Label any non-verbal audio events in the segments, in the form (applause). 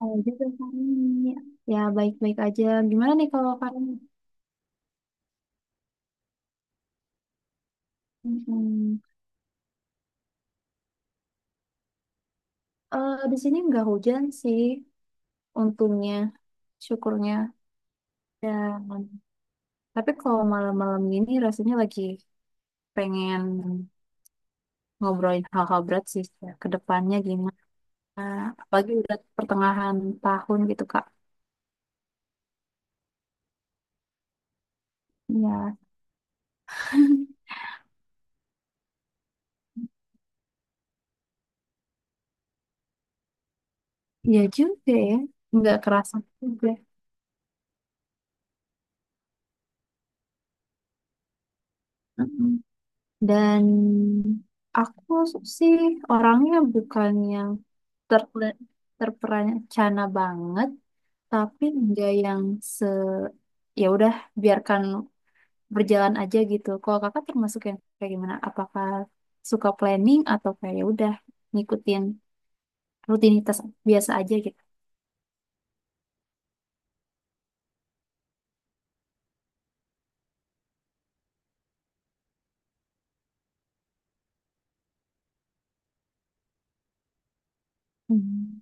Oh, juga Kak Karni. Ya, baik-baik aja. Gimana nih kalau Karni? Hmm. Eh, di sini nggak hujan sih, untungnya, syukurnya. Dan, tapi kalau malam-malam gini rasanya lagi pengen ngobrolin hal-hal berat sih. Ya, ke depannya gimana. Apalagi udah pertengahan tahun gitu, Kak. Ya, (laughs) ya juga ya. Nggak kerasa juga. Mm-mm. Dan aku sih orangnya bukan yang terpre- terperencana banget tapi nggak yang se ya udah biarkan berjalan aja gitu, kalau kakak termasuk yang kayak gimana, apakah suka planning atau kayak ya udah ngikutin rutinitas biasa aja gitu. Hmm.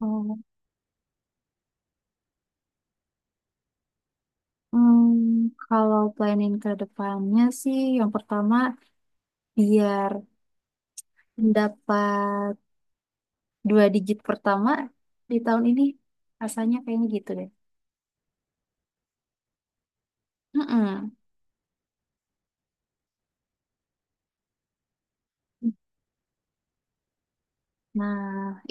Oh, hmm, kalau planning ke depannya sih, yang pertama biar mendapat dua digit pertama di tahun ini, rasanya kayaknya gitu deh. Mm-mm. Nah,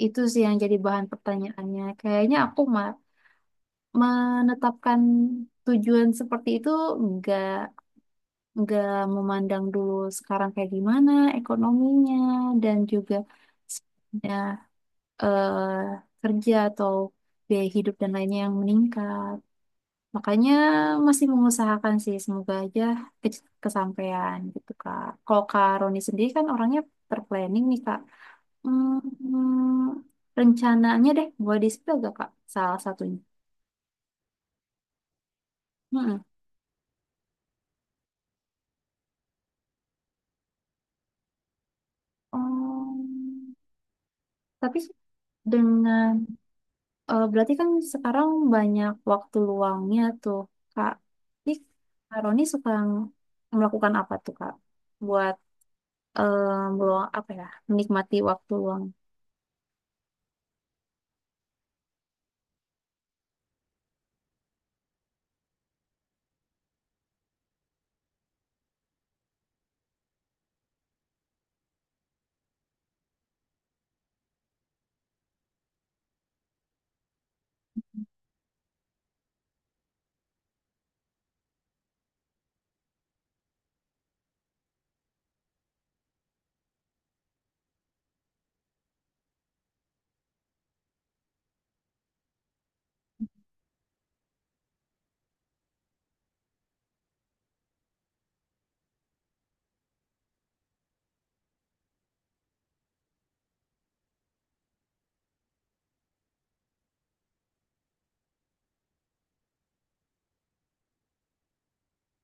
itu sih yang jadi bahan pertanyaannya. Kayaknya aku menetapkan tujuan seperti itu nggak nggak memandang dulu sekarang kayak gimana ekonominya dan juga ya, eh, kerja atau biaya hidup dan lainnya yang meningkat. Makanya masih mengusahakan sih, semoga aja ke- kesampaian gitu Kak. Kalau Kak Roni sendiri kan orangnya terplanning nih Kak. Hmm, Rencananya deh gue di situ agak kak salah satunya. Mm-mm. Oh, tapi dengan berarti kan sekarang banyak waktu luangnya tuh kak. Jadi Kak Roni suka melakukan apa tuh kak? Buat eh meluang apa ya? Menikmati waktu luang.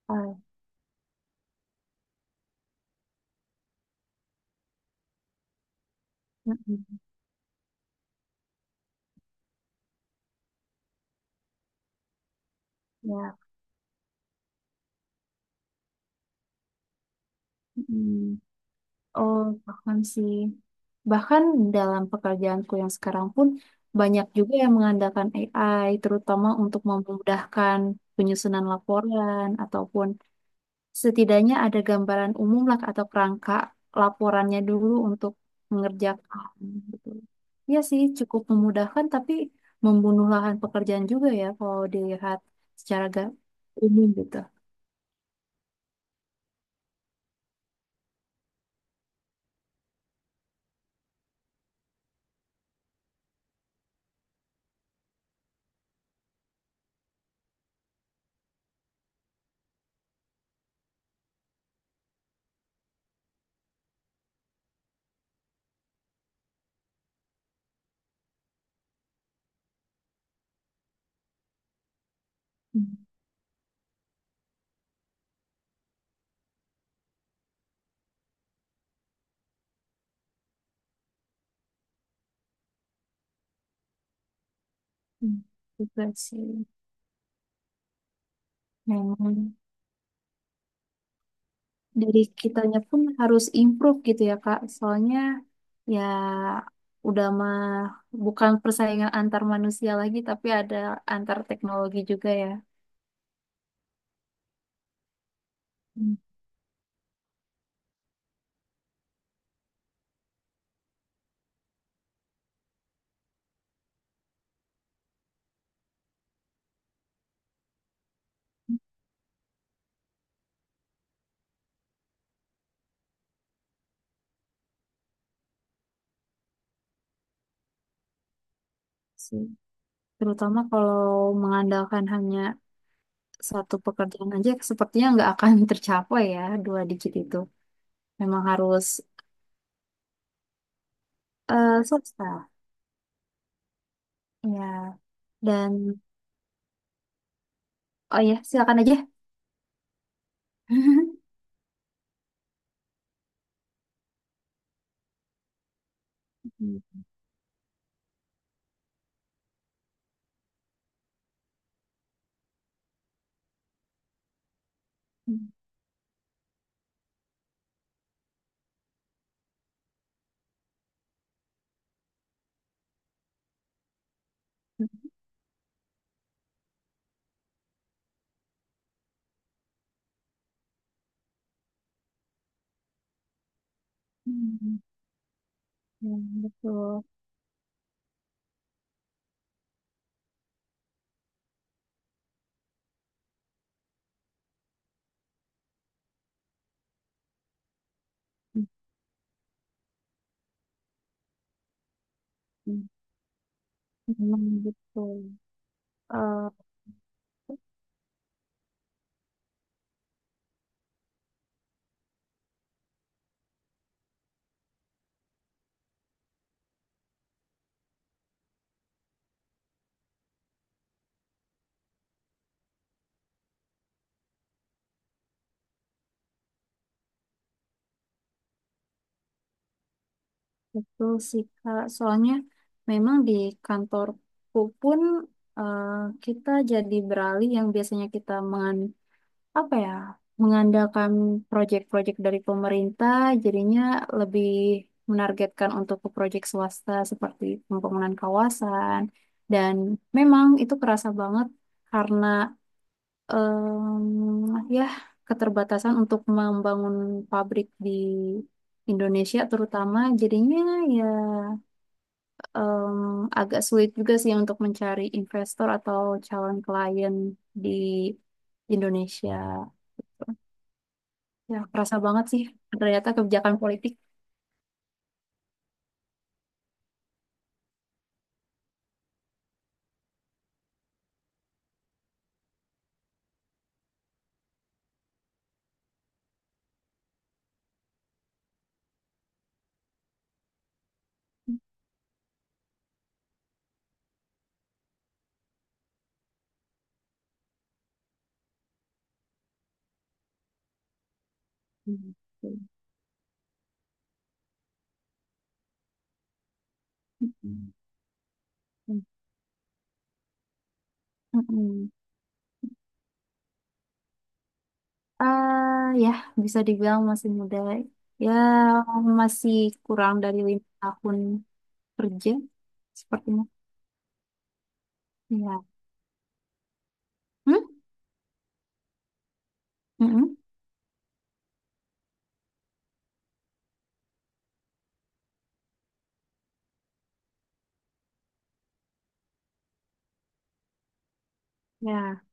Ah, mm-mm. Ya. Mm-mm. Oh, paham sih. Bahkan dalam pekerjaanku yang sekarang pun banyak juga yang mengandalkan AI, terutama untuk memudahkan penyusunan laporan ataupun setidaknya ada gambaran umum lah atau kerangka laporannya dulu untuk mengerjakan gitu. Iya sih, cukup memudahkan tapi membunuh lahan pekerjaan juga ya kalau dilihat secara umum gitu. Hmm, hmm, Juga sih. Memang. Dari kitanya pun harus improve gitu ya Kak. Soalnya ya udah mah bukan persaingan antar manusia lagi tapi ada antar teknologi juga ya. Hmm, sih. Terutama kalau mengandalkan hanya satu pekerjaan aja sepertinya nggak akan (laughs) tercapai ya dua digit itu. Memang harus swasta ya. Dan, oh ya, silakan aja. (laughs) Hmm, hmm, hmm, (laughs) betul. Memang betul. Eh, Betul sih, Kak. Soalnya memang di kantorku pun eh, kita jadi beralih yang biasanya kita apa ya, mengandalkan proyek-proyek dari pemerintah, jadinya lebih menargetkan untuk ke proyek swasta seperti pembangunan kawasan. Dan memang itu kerasa banget karena ya, keterbatasan untuk membangun pabrik di Indonesia terutama jadinya ya em, agak sulit juga sih untuk mencari investor atau calon klien di Indonesia. Ya, kerasa banget sih ternyata kebijakan politik. Hmm. Hmm. Mm-mm. Ah, ya, bisa dibilang masih muda. Ya, masih kurang dari lima tahun kerja sepertinya. Ya. Hmm? Mm-mm. Ya,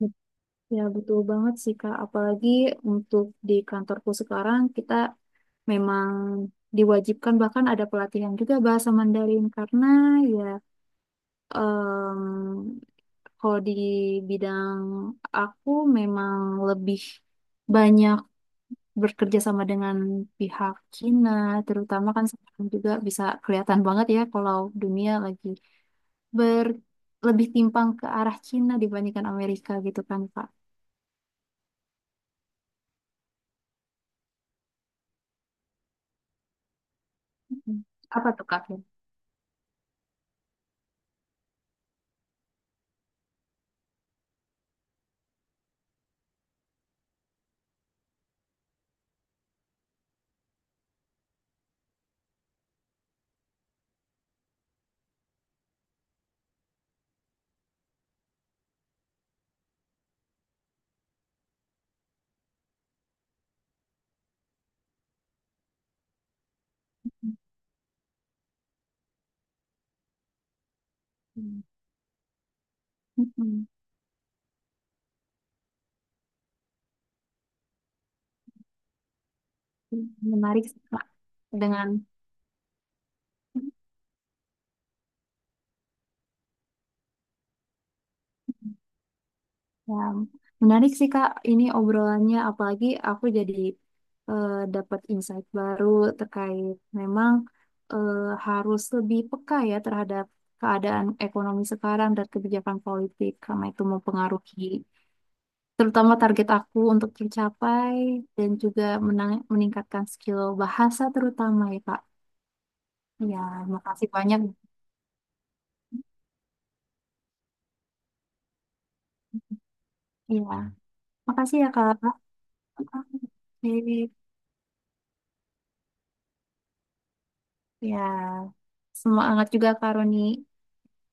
bet- betul banget sih Kak. Apalagi untuk di kantorku sekarang kita memang diwajibkan, bahkan ada pelatihan juga bahasa Mandarin karena ya em, kalau di bidang aku memang lebih banyak bekerja sama dengan pihak Cina, terutama kan sekarang juga bisa kelihatan banget ya kalau dunia lagi ber lebih timpang ke arah Cina dibandingkan Amerika gitu kan Kak. Mm-mm. Apa tuh Kak? Mm-mm. Mm-mm. Menarik sih Kak. Dengan Ya, menarik sih Kak ini obrolannya, apalagi aku jadi dapat insight baru terkait memang eh, harus lebih peka ya terhadap keadaan ekonomi sekarang dan kebijakan politik karena itu mempengaruhi terutama target aku untuk tercapai dan juga meningkatkan skill bahasa terutama ya Kak. Ya, makasih banyak. Ya, makasih ya Kak. Oke. Ya, semangat juga Kak Roni.